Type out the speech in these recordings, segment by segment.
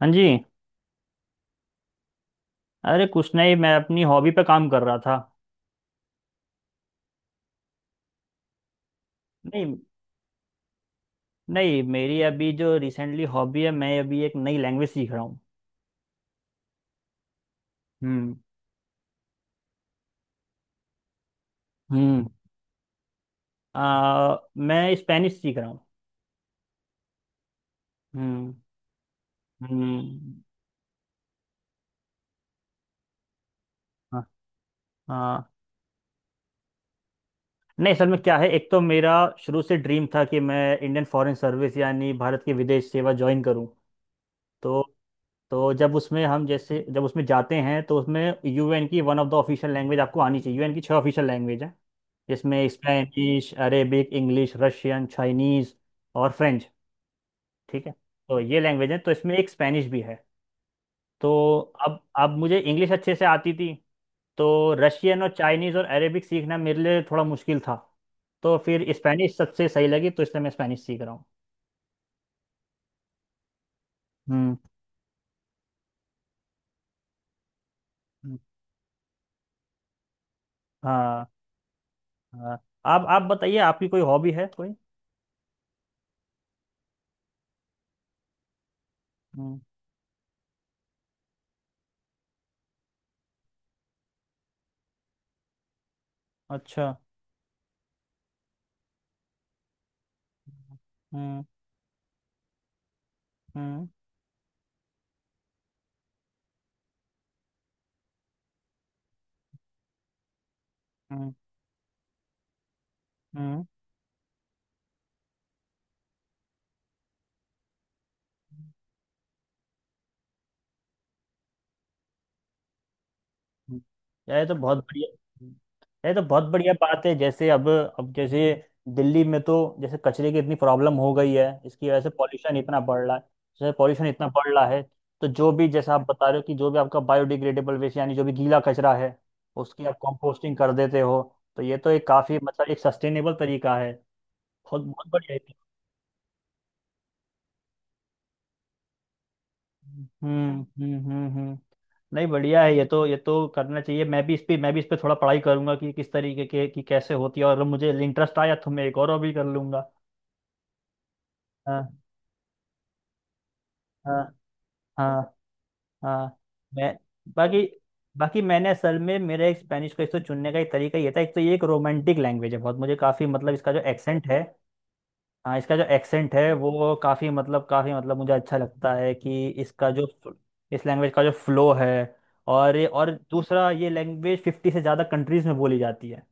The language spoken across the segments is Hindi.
हाँ जी। अरे कुछ नहीं, मैं अपनी हॉबी पे काम कर रहा था। नहीं। नहीं, मेरी अभी जो रिसेंटली हॉबी है, मैं अभी एक नई लैंग्वेज सीख रहा हूँ। हम्म। हम्म। मैं स्पेनिश सीख रहा हूँ। हम्म। हम्म। हाँ। हाँ। नहीं, असल में क्या है, एक तो मेरा शुरू से ड्रीम था कि मैं इंडियन फॉरेन सर्विस यानी भारत की विदेश सेवा ज्वाइन करूँ। तो जब उसमें जाते हैं तो उसमें यूएन की one of the official language आपको आनी चाहिए। यूएन की छह ऑफिशियल लैंग्वेज है, जिसमें Spanish, Arabic, English, Russian, Chinese और फ्रेंच। ठीक है। तो ये लैंग्वेज है तो इसमें एक स्पेनिश भी है। तो अब मुझे इंग्लिश अच्छे से आती थी, तो रशियन और चाइनीज और अरेबिक सीखना मेरे लिए थोड़ा मुश्किल था। तो फिर स्पेनिश सबसे सही लगी, तो इसलिए मैं स्पेनिश सीख रहा हूँ। हम्म। हम्म, हाँ। हाँ, आप बताइए, आपकी कोई हॉबी है कोई? हम्म। अच्छा। हम्म। हम्म। हम्म। हम्म। यार, ये तो बहुत बढ़िया। ये तो बहुत बढ़िया बात है। जैसे अब जैसे दिल्ली में तो जैसे कचरे की इतनी प्रॉब्लम हो गई है, इसकी वजह से पॉल्यूशन इतना बढ़ रहा है। जैसे पॉल्यूशन इतना बढ़ रहा है, तो जो भी जैसा आप बता रहे हो कि जो भी आपका बायोडिग्रेडेबल वेस्ट यानी जो भी गीला कचरा है, उसकी आप कंपोस्टिंग कर देते हो, तो ये तो एक काफी मतलब एक सस्टेनेबल तरीका है। बहुत बहुत बढ़िया है। हम्म। हम्म। हम्म। हम्म। नहीं, बढ़िया है, ये तो करना चाहिए। मैं भी इस पे थोड़ा पढ़ाई करूंगा कि किस तरीके के, कि कैसे होती है, और मुझे इंटरेस्ट आया तो मैं एक और भी कर लूंगा। हाँ। हाँ। हाँ। हाँ। मैं बाकी बाकी मैंने असल में, मेरे एक स्पेनिश को एक तो चुनने का एक तरीका ये था, एक तो ये एक रोमांटिक लैंग्वेज है, बहुत मुझे काफ़ी मतलब इसका जो एक्सेंट है। हाँ, इसका जो एक्सेंट है वो काफ़ी मतलब मुझे अच्छा लगता है कि इसका जो इस लैंग्वेज का जो फ्लो है। और ये और दूसरा, ये लैंग्वेज 50 से ज़्यादा कंट्रीज़ में बोली जाती है।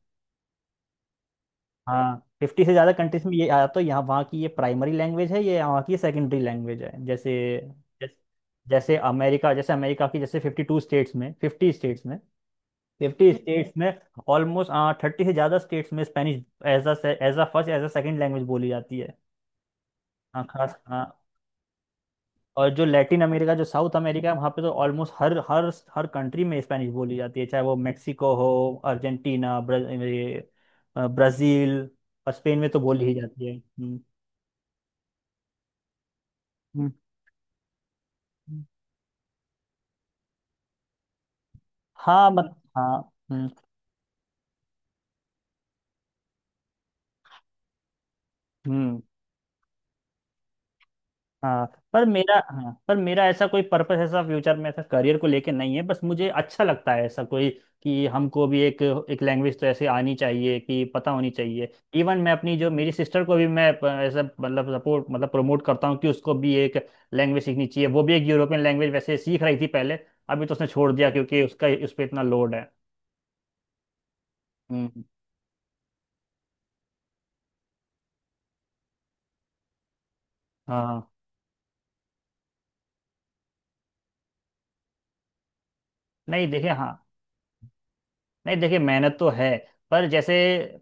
हाँ, 50 से ज़्यादा कंट्रीज़ में ये या तो यहाँ वहाँ की ये प्राइमरी लैंग्वेज है, ये यहाँ की सेकेंडरी लैंग्वेज है। जैस- जैसे अमेरिका, जैसे अमेरिका की जैसे फिफ्टी स्टेट्स में, फिफ्टी स्टेट्स में ऑलमोस्ट 30 से ज़्यादा स्टेट्स में Spanish as a first, as a second language बोली जाती है। हाँ, खास, हाँ। और जो लैटिन अमेरिका, जो साउथ अमेरिका है वहाँ पे तो ऑलमोस्ट हर हर हर कंट्री में स्पेनिश बोली जाती है, चाहे वो मेक्सिको हो, अर्जेंटीना, ब्राज़ील, और स्पेन में तो बोली ही जाती है। हम्म। हम्म। हम्म। हाँ मत हाँ। हम्म। हम्म। हाँ पर मेरा ऐसा कोई पर्पस, ऐसा फ्यूचर में ऐसा करियर को लेके नहीं है, बस मुझे अच्छा लगता है ऐसा कोई कि हमको भी एक, एक लैंग्वेज तो ऐसे आनी चाहिए, कि पता होनी चाहिए। इवन मैं अपनी जो मेरी सिस्टर को भी मैं ऐसा मतलब सपोर्ट मतलब प्रमोट करता हूँ कि उसको भी एक लैंग्वेज सीखनी चाहिए। वो भी एक यूरोपियन लैंग्वेज वैसे सीख रही थी पहले, अभी तो उसने छोड़ दिया क्योंकि उसका उस पर इतना लोड है। हम्म। हाँ नहीं, देखे, हाँ। नहीं, देखिए, मेहनत तो है, पर जैसे,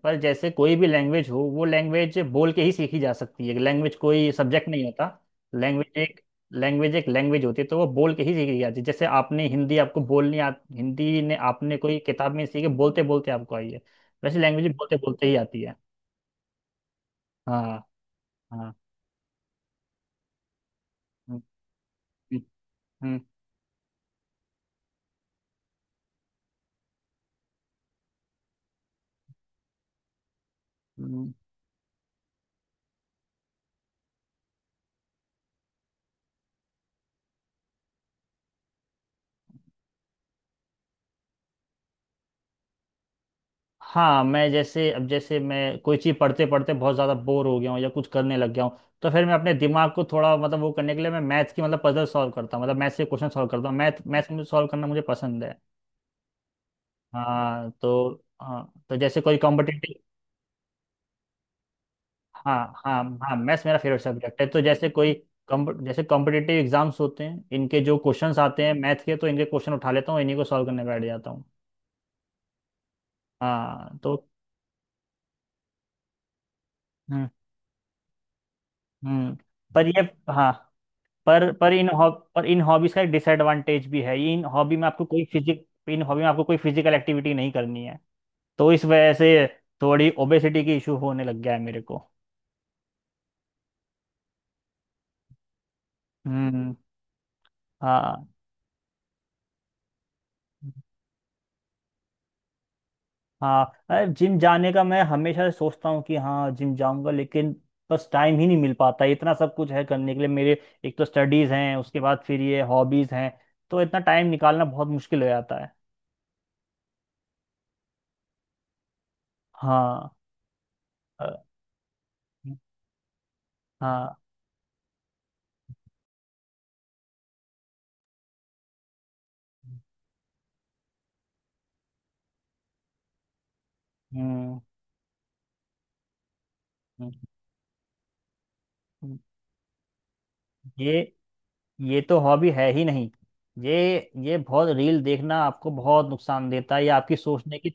पर जैसे कोई भी लैंग्वेज हो, वो लैंग्वेज बोल के ही सीखी जा सकती है। लैंग्वेज कोई सब्जेक्ट नहीं होता। लैंग्वेज एक लैंग्वेज एक लैंग्वेज होती है, तो वो बोल के ही सीखी जाती है। जैसे आपने हिंदी आपको बोलनी हिंदी ने आपने कोई किताब में सीखे, बोलते बोलते आपको आई है, वैसे लैंग्वेज बोलते बोलते ही आती है। हाँ। हाँ। हम्म। हम्म। हम्म। हम्म। हाँ, मैं जैसे, अब जैसे मैं कोई चीज़ पढ़ते पढ़ते बहुत ज़्यादा बोर हो गया हूँ या कुछ करने लग गया हूँ, तो फिर मैं अपने दिमाग को थोड़ा मतलब वो करने के लिए मैं मैथ्स की मतलब पजल सॉल्व करता हूँ, मतलब मैथ्स के क्वेश्चन सॉल्व करता हूँ। मैथ्स में सॉल्व करना मुझे पसंद है। हाँ तो जैसे कोई कॉम्पिटिटिव। हाँ। हाँ, हाँ, मैथ्स मेरा फेवरेट सब्जेक्ट है। तो जैसे कोई जैसे कॉम्पिटिटिव एग्जाम्स होते हैं, इनके जो क्वेश्चंस आते हैं मैथ के, तो इनके क्वेश्चन उठा लेता हूँ, इन्हीं को सॉल्व करने बैठ जाता हूँ। हाँ। तो। हम्म। हम्म। पर ये। हाँ, पर इन हॉब पर इन हॉबीज का एक डिसएडवांटेज भी है। ये इन हॉबी में आपको कोई फिजिक इन हॉबी में आपको कोई फिजिकल एक्टिविटी नहीं करनी है। तो इस वजह से थोड़ी ओबेसिटी की इशू होने लग गया है मेरे को। हम्म। हाँ। हाँ, जिम जाने का मैं हमेशा सोचता हूँ कि हाँ जिम जाऊंगा, लेकिन बस टाइम ही नहीं मिल पाता है। इतना सब कुछ है करने के लिए मेरे। एक तो स्टडीज हैं, उसके बाद फिर ये हॉबीज हैं, तो इतना टाइम निकालना बहुत मुश्किल हो जाता है। हाँ। अ, हाँ। हम्म। हम्म। हम्म। ये ये तो हॉबी है ही नहीं। ये, ये बहुत रील देखना आपको बहुत नुकसान देता है। ये आपकी सोचने की,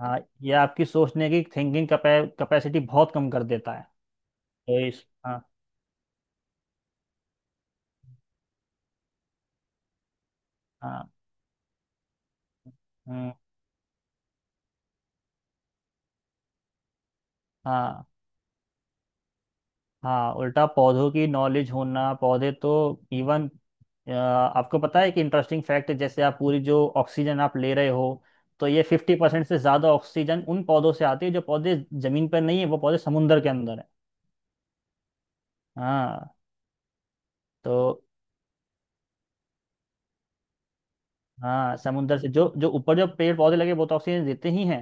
हाँ, ये आपकी सोचने की थिंकिंग कैपेसिटी बहुत कम कर देता है। तो इस, हाँ। हाँ। हम्म, हाँ। हाँ, उल्टा पौधों की नॉलेज होना, पौधे तो, इवन आपको पता है कि इंटरेस्टिंग फैक्ट, जैसे आप पूरी जो ऑक्सीजन आप ले रहे हो, तो ये 50% से ज़्यादा ऑक्सीजन उन पौधों से आती है जो पौधे ज़मीन पर नहीं है, वो पौधे समुंदर के अंदर है। हाँ। तो, हाँ, समुद्र से जो जो ऊपर जो पेड़ पौधे लगे वो तो ऑक्सीजन देते ही हैं,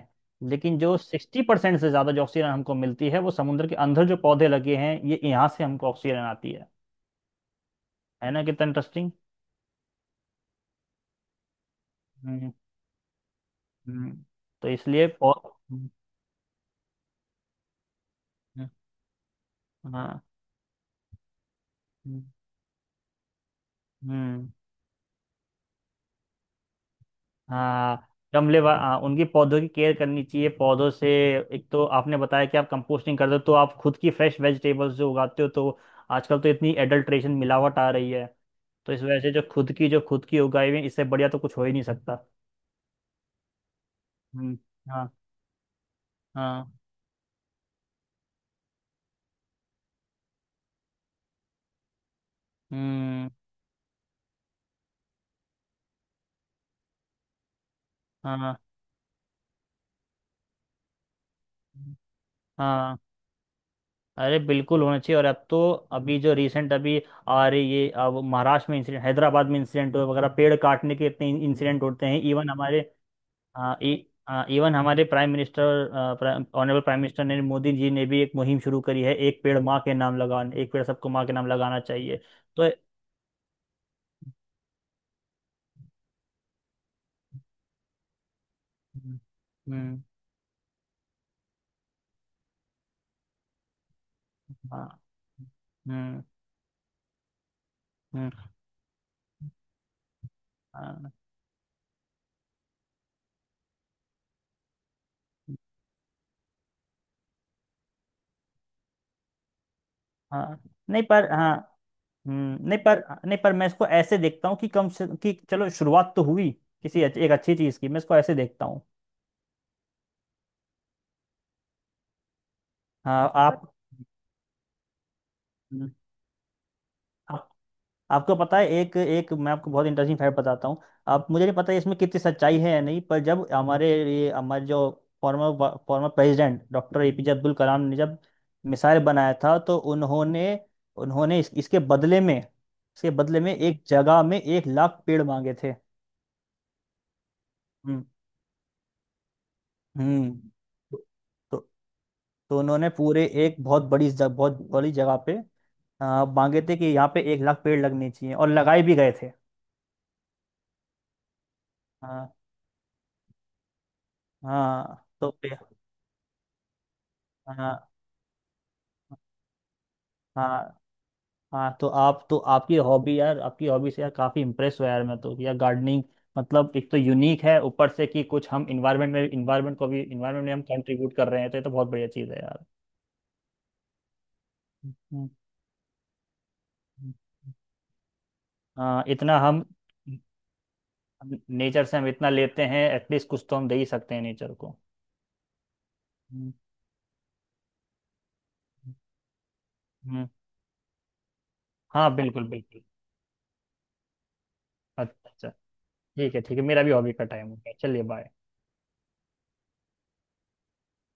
लेकिन जो 60% से ज्यादा जो ऑक्सीजन हमको मिलती है, वो समुद्र के अंदर जो पौधे लगे हैं, ये यहाँ से हमको ऑक्सीजन आती है। है ना, कितना इंटरेस्टिंग। हम्म। हम्म। हम्म, तो इसलिए हम्म। हम्म। हाँ। हम्म। हम्म। हाँ। हाँ, उनकी पौधों की केयर करनी चाहिए पौधों से। एक तो आपने बताया कि आप कंपोस्टिंग करते हो, तो आप खुद की फ्रेश वेजिटेबल्स जो उगाते हो, तो आजकल तो इतनी एडल्ट्रेशन मिलावट आ रही है, तो इस वजह से जो खुद की उगाई हुई, इससे बढ़िया तो कुछ हो ही नहीं सकता। हम्म। हाँ। हाँ। हम्म। हाँ। हाँ। अरे बिल्कुल होना चाहिए, और अब तो अभी जो रिसेंट अभी आ रही, ये अब महाराष्ट्र में इंसिडेंट, हैदराबाद में इंसिडेंट वगैरह, पेड़ काटने के इतने इंसिडेंट होते हैं। इवन हमारे, हाँ, इवन हमारे prime minister, honourable prime minister Narendra Modi ji ने भी एक मुहिम शुरू करी है एक पेड़ माँ के नाम लगाने। एक पेड़ सबको माँ के नाम लगाना चाहिए। तो। हम्म। हम्म। हाँ। हम्म। हम्म। हाँ। हाँ नहीं पर हाँ। नहीं पर, नहीं पर मैं इसको ऐसे देखता हूँ कि कम से, कि चलो शुरुआत तो हुई एक अच्छी चीज़ की, मैं इसको ऐसे देखता हूँ। हाँ। आप, आपको पता है, एक, एक मैं आपको बहुत इंटरेस्टिंग फैक्ट बताता हूँ। आप, मुझे नहीं पता है इसमें कितनी सच्चाई है या नहीं, पर जब हमारे ये, हमारे जो former former president doctor APJ Abdul Kalam ने जब मिसाइल बनाया था, तो उन्होंने उन्होंने इसके बदले में एक जगह में 1 लाख पेड़ मांगे थे। हम्म। हम्म। तो तो तो उन्होंने पूरे एक बहुत बड़ी जगह पे मांगे थे कि यहाँ पे 1 लाख पेड़ लगने चाहिए, और लगाए भी गए थे। हाँ। हाँ तो हाँ। हाँ। हाँ तो आप तो आपकी हॉबी से यार काफ़ी इम्प्रेस हुआ यार मैं तो, यार गार्डनिंग मतलब एक तो यूनिक है, ऊपर से कि कुछ हम इन्वायरमेंट में इन्वायरमेंट को भी इन्वायरमेंट में हम कंट्रीब्यूट कर रहे हैं, तो ये तो बहुत बढ़िया चीज़ है यार। हम्म। हम्म। हाँ, इतना हम नेचर से हम इतना लेते हैं, एटलीस्ट कुछ तो हम दे ही सकते हैं नेचर को। हम्म। हम्म। हाँ, बिल्कुल बिल्कुल। अच्छा, अच्छा। ठीक है, ठीक है, मेरा भी हॉबी का टाइम हो गया, चलिए बाय।